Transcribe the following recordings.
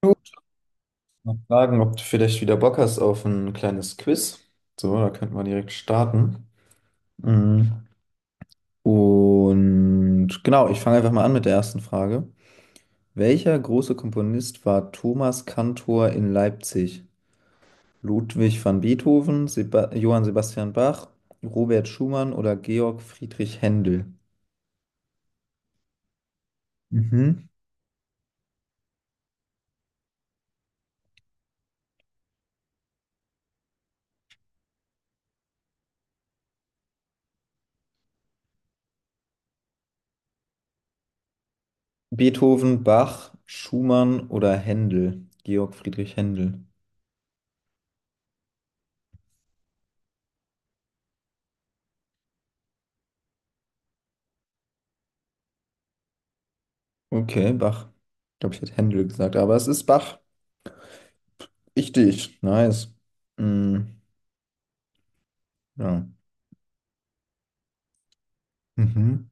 Gut, mal fragen, ob du vielleicht wieder Bock hast auf ein kleines Quiz. So, da könnten wir direkt starten. Mhm. Und genau, ich fange einfach mal an mit der ersten Frage. Welcher große Komponist war Thomas Kantor in Leipzig? Ludwig van Beethoven, Seba Johann Sebastian Bach, Robert Schumann oder Georg Friedrich Händel? Mhm. Beethoven, Bach, Schumann oder Händel? Georg Friedrich Händel. Okay, Bach. Ich glaube, ich hätte Händel gesagt, aber es ist Bach. Richtig, nice. Mm, ja. Mhm.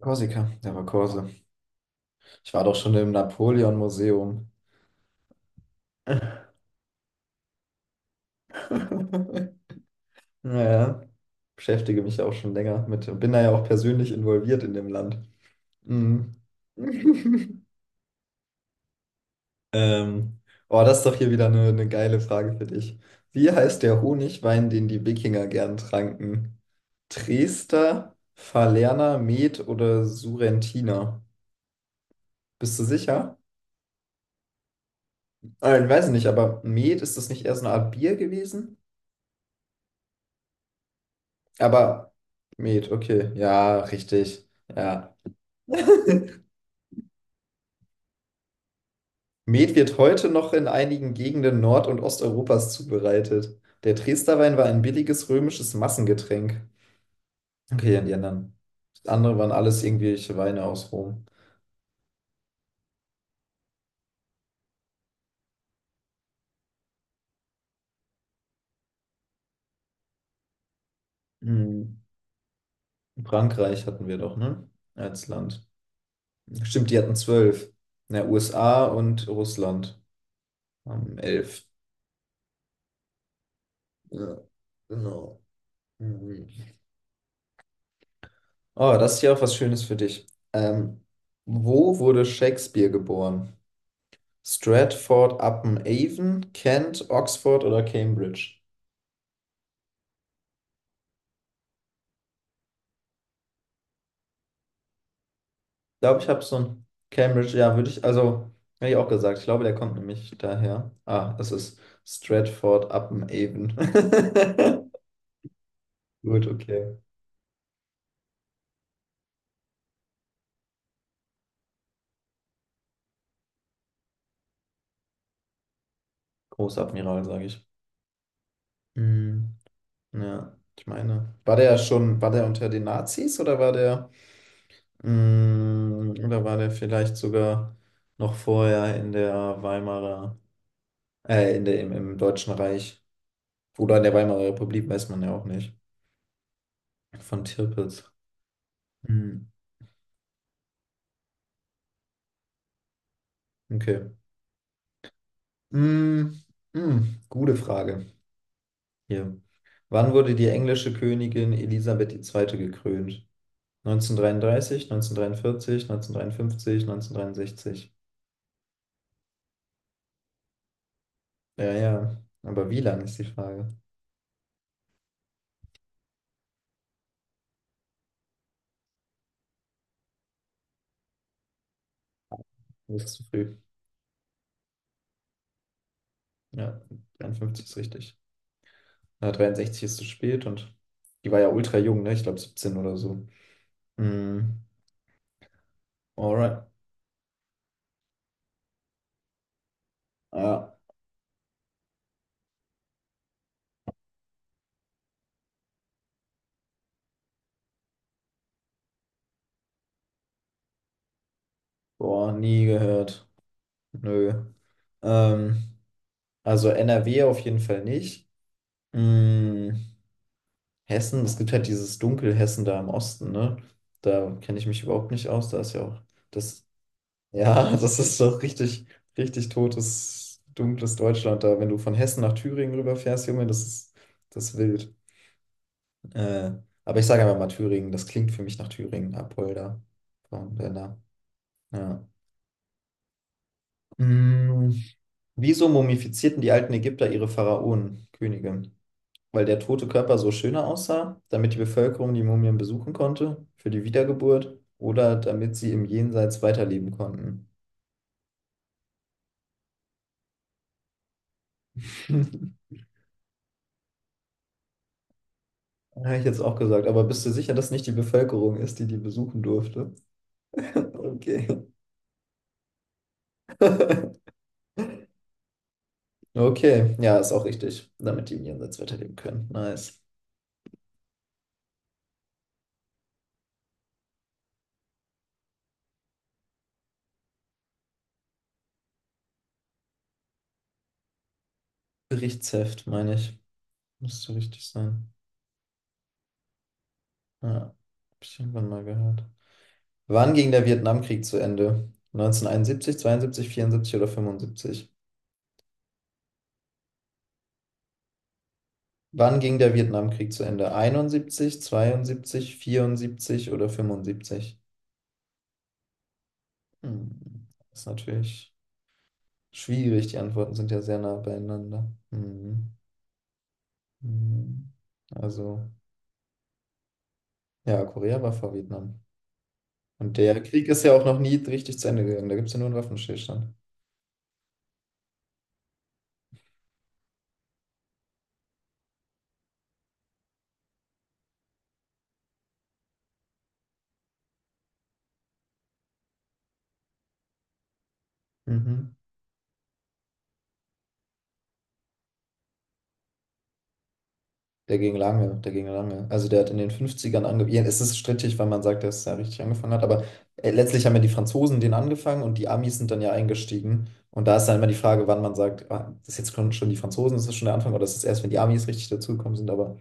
Korsika, der war Korse. Ich war doch schon im Napoleon-Museum. Naja, beschäftige mich auch schon länger mit, bin da ja auch persönlich involviert in dem Land. Mhm. Ähm, oh, das ist doch hier wieder eine geile Frage für dich. Wie heißt der Honigwein, den die Wikinger gern tranken? Dresdner, Falerner, Met oder Surrentiner? Bist du sicher? Ah, ich weiß nicht, aber Met, ist das nicht eher so eine Art Bier gewesen? Aber Met, okay, ja, richtig. Ja. Met wird heute noch in einigen Gegenden Nord- und Osteuropas zubereitet. Der Dresdner Wein war ein billiges römisches Massengetränk. Okay, und die anderen. Das andere waren alles irgendwelche Weine aus Rom. Hm. Frankreich hatten wir doch, ne? Als Land. Stimmt, die hatten 12. Na, USA und Russland haben 11. Ja, genau. Mhm. Oh, das ist ja auch was Schönes für dich. Ähm, wo wurde Shakespeare geboren? Stratford-upon-Avon, Kent, Oxford oder Cambridge? Ich glaube, ich habe so ein Cambridge, ja, würde ich, also, hätte ich auch gesagt. Ich glaube, der kommt nämlich daher. Ah, es ist Stratford-upon-Avon. Gut, okay. Großadmiral, sage ich. Hm, ja, ich meine. War der schon, war der unter den Nazis oder war der. Oder war der vielleicht sogar noch vorher in der Weimarer, im Deutschen Reich oder in der Weimarer Republik, weiß man ja auch nicht. Von Tirpitz. Mm, okay. Mm, Gute Frage. Hier. Wann wurde die englische Königin Elisabeth II. Gekrönt? 1933, 1943, 1953, 1963. Ja, ja. Aber wie lang ist die Frage? Das ist zu früh. Ja, 53 ist richtig. 63 ist zu spät und die war ja ultra jung, ne? Ich glaube 17 oder so. Mm, alright. Ja. Boah, nie gehört. Nö. Ähm, also NRW auf jeden Fall nicht. Mm, Hessen, es gibt halt dieses Dunkelhessen da im Osten, ne? Da kenne ich mich überhaupt nicht aus. Da ist ja auch das, ja, das ist doch richtig, richtig totes, dunkles Deutschland da. Wenn du von Hessen nach Thüringen rüberfährst, Junge, das ist wild. Äh, aber ich sage einfach mal Thüringen. Das klingt für mich nach Thüringen, Apolda von Denner. Ja. Mm, Wieso mumifizierten die alten Ägypter ihre Pharaonen, Könige? Weil der tote Körper so schöner aussah, damit die Bevölkerung die Mumien besuchen konnte, für die Wiedergeburt oder damit sie im Jenseits weiterleben konnten. Habe ich jetzt auch gesagt, aber bist du sicher, dass nicht die Bevölkerung ist, die die besuchen durfte? Okay. Okay, ja, ist auch richtig, damit die im Jenseits weiterleben können. Nice. Berichtsheft, meine ich. Müsste richtig sein. Ja, habe ich irgendwann mal gehört. Wann ging der Vietnamkrieg zu Ende? 1971, 72, 74 oder 75? Wann ging der Vietnamkrieg zu Ende? 71, 72, 74 oder 75? Hm. Das ist natürlich schwierig. Die Antworten sind ja sehr nah beieinander. Hm. Hm. Also, ja, Korea war vor Vietnam. Und der Krieg ist ja auch noch nie richtig zu Ende gegangen. Da gibt es ja nur einen Waffenstillstand. Mhm. Der ging lange, der ging lange. Also der hat in den Fünfzigern ern angefangen. Es ist strittig, weil man sagt, dass er richtig angefangen hat, aber letztlich haben ja die Franzosen den angefangen und die Amis sind dann ja eingestiegen. Und da ist dann immer die Frage, wann man sagt, ah, das ist jetzt schon die Franzosen, das ist schon der Anfang, oder das ist das erst, wenn die Amis richtig dazugekommen sind. Aber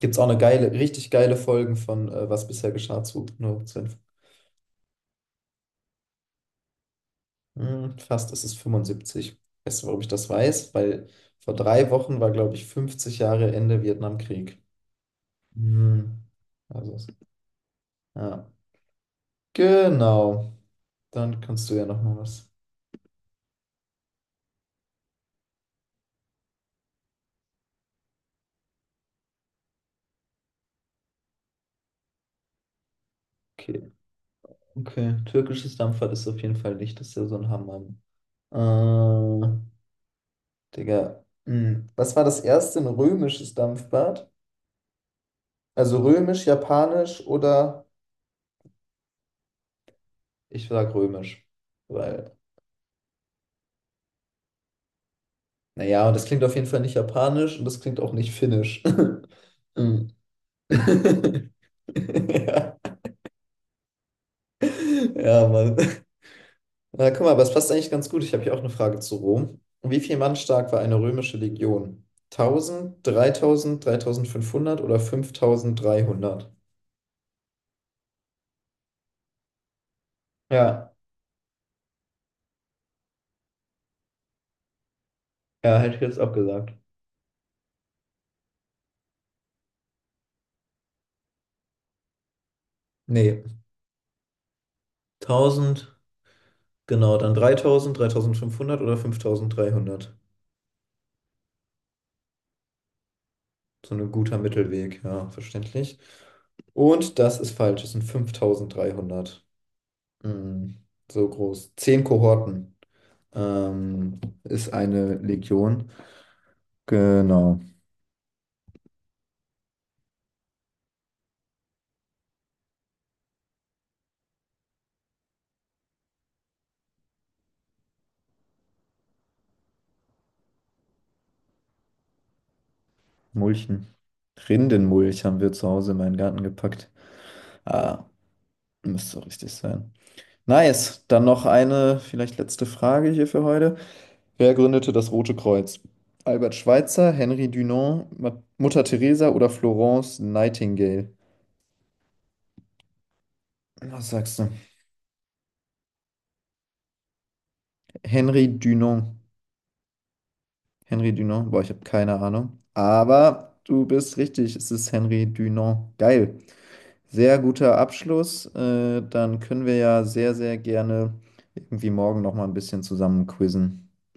gibt es auch eine geile, richtig geile Folgen von Was bisher geschah zu nur fast ist es 75. Weißt du, warum ich das weiß? Weil vor 3 Wochen war, glaube ich, 50 Jahre Ende Vietnamkrieg. Hm. Also, ja. Genau. Dann kannst du ja noch mal was. Okay. Okay. Türkisches Dampfbad ist auf jeden Fall nicht. Das ist ja so ein Hammer. Äh, Digga. Hm. Was war das erste? Ein römisches Dampfbad? Also römisch, japanisch oder ich sag römisch. Weil, naja, und das klingt auf jeden Fall nicht japanisch und das klingt auch nicht finnisch. Hm. Ja. Ja, Mann. Na, guck mal, aber es passt eigentlich ganz gut. Ich habe hier auch eine Frage zu Rom. Wie viel Mann stark war eine römische Legion? 1000, 3000, 3500 oder 5300? Ja, ja, hätte ich jetzt auch gesagt. Nee, 1000, genau, dann 3000, 3500 oder 5300. So ein guter Mittelweg, ja, verständlich. Und das ist falsch, es sind 5300. Hm, so groß. 10 Kohorten ähm, ist eine Legion. Genau. Mulchen. Rindenmulch haben wir zu Hause in meinen Garten gepackt. Ah, müsste richtig sein. Nice. Dann noch eine, vielleicht letzte Frage hier für heute. Wer gründete das Rote Kreuz? Albert Schweitzer, Henri Dunant, Mutter Teresa oder Florence Nightingale? Was sagst du? Henri Dunant. Henri Dunant. Boah, ich habe keine Ahnung. Aber du bist richtig. Es ist Henri Dunant. Geil. Sehr guter Abschluss. Dann können wir ja sehr, sehr gerne irgendwie morgen noch mal ein bisschen zusammen quizzen.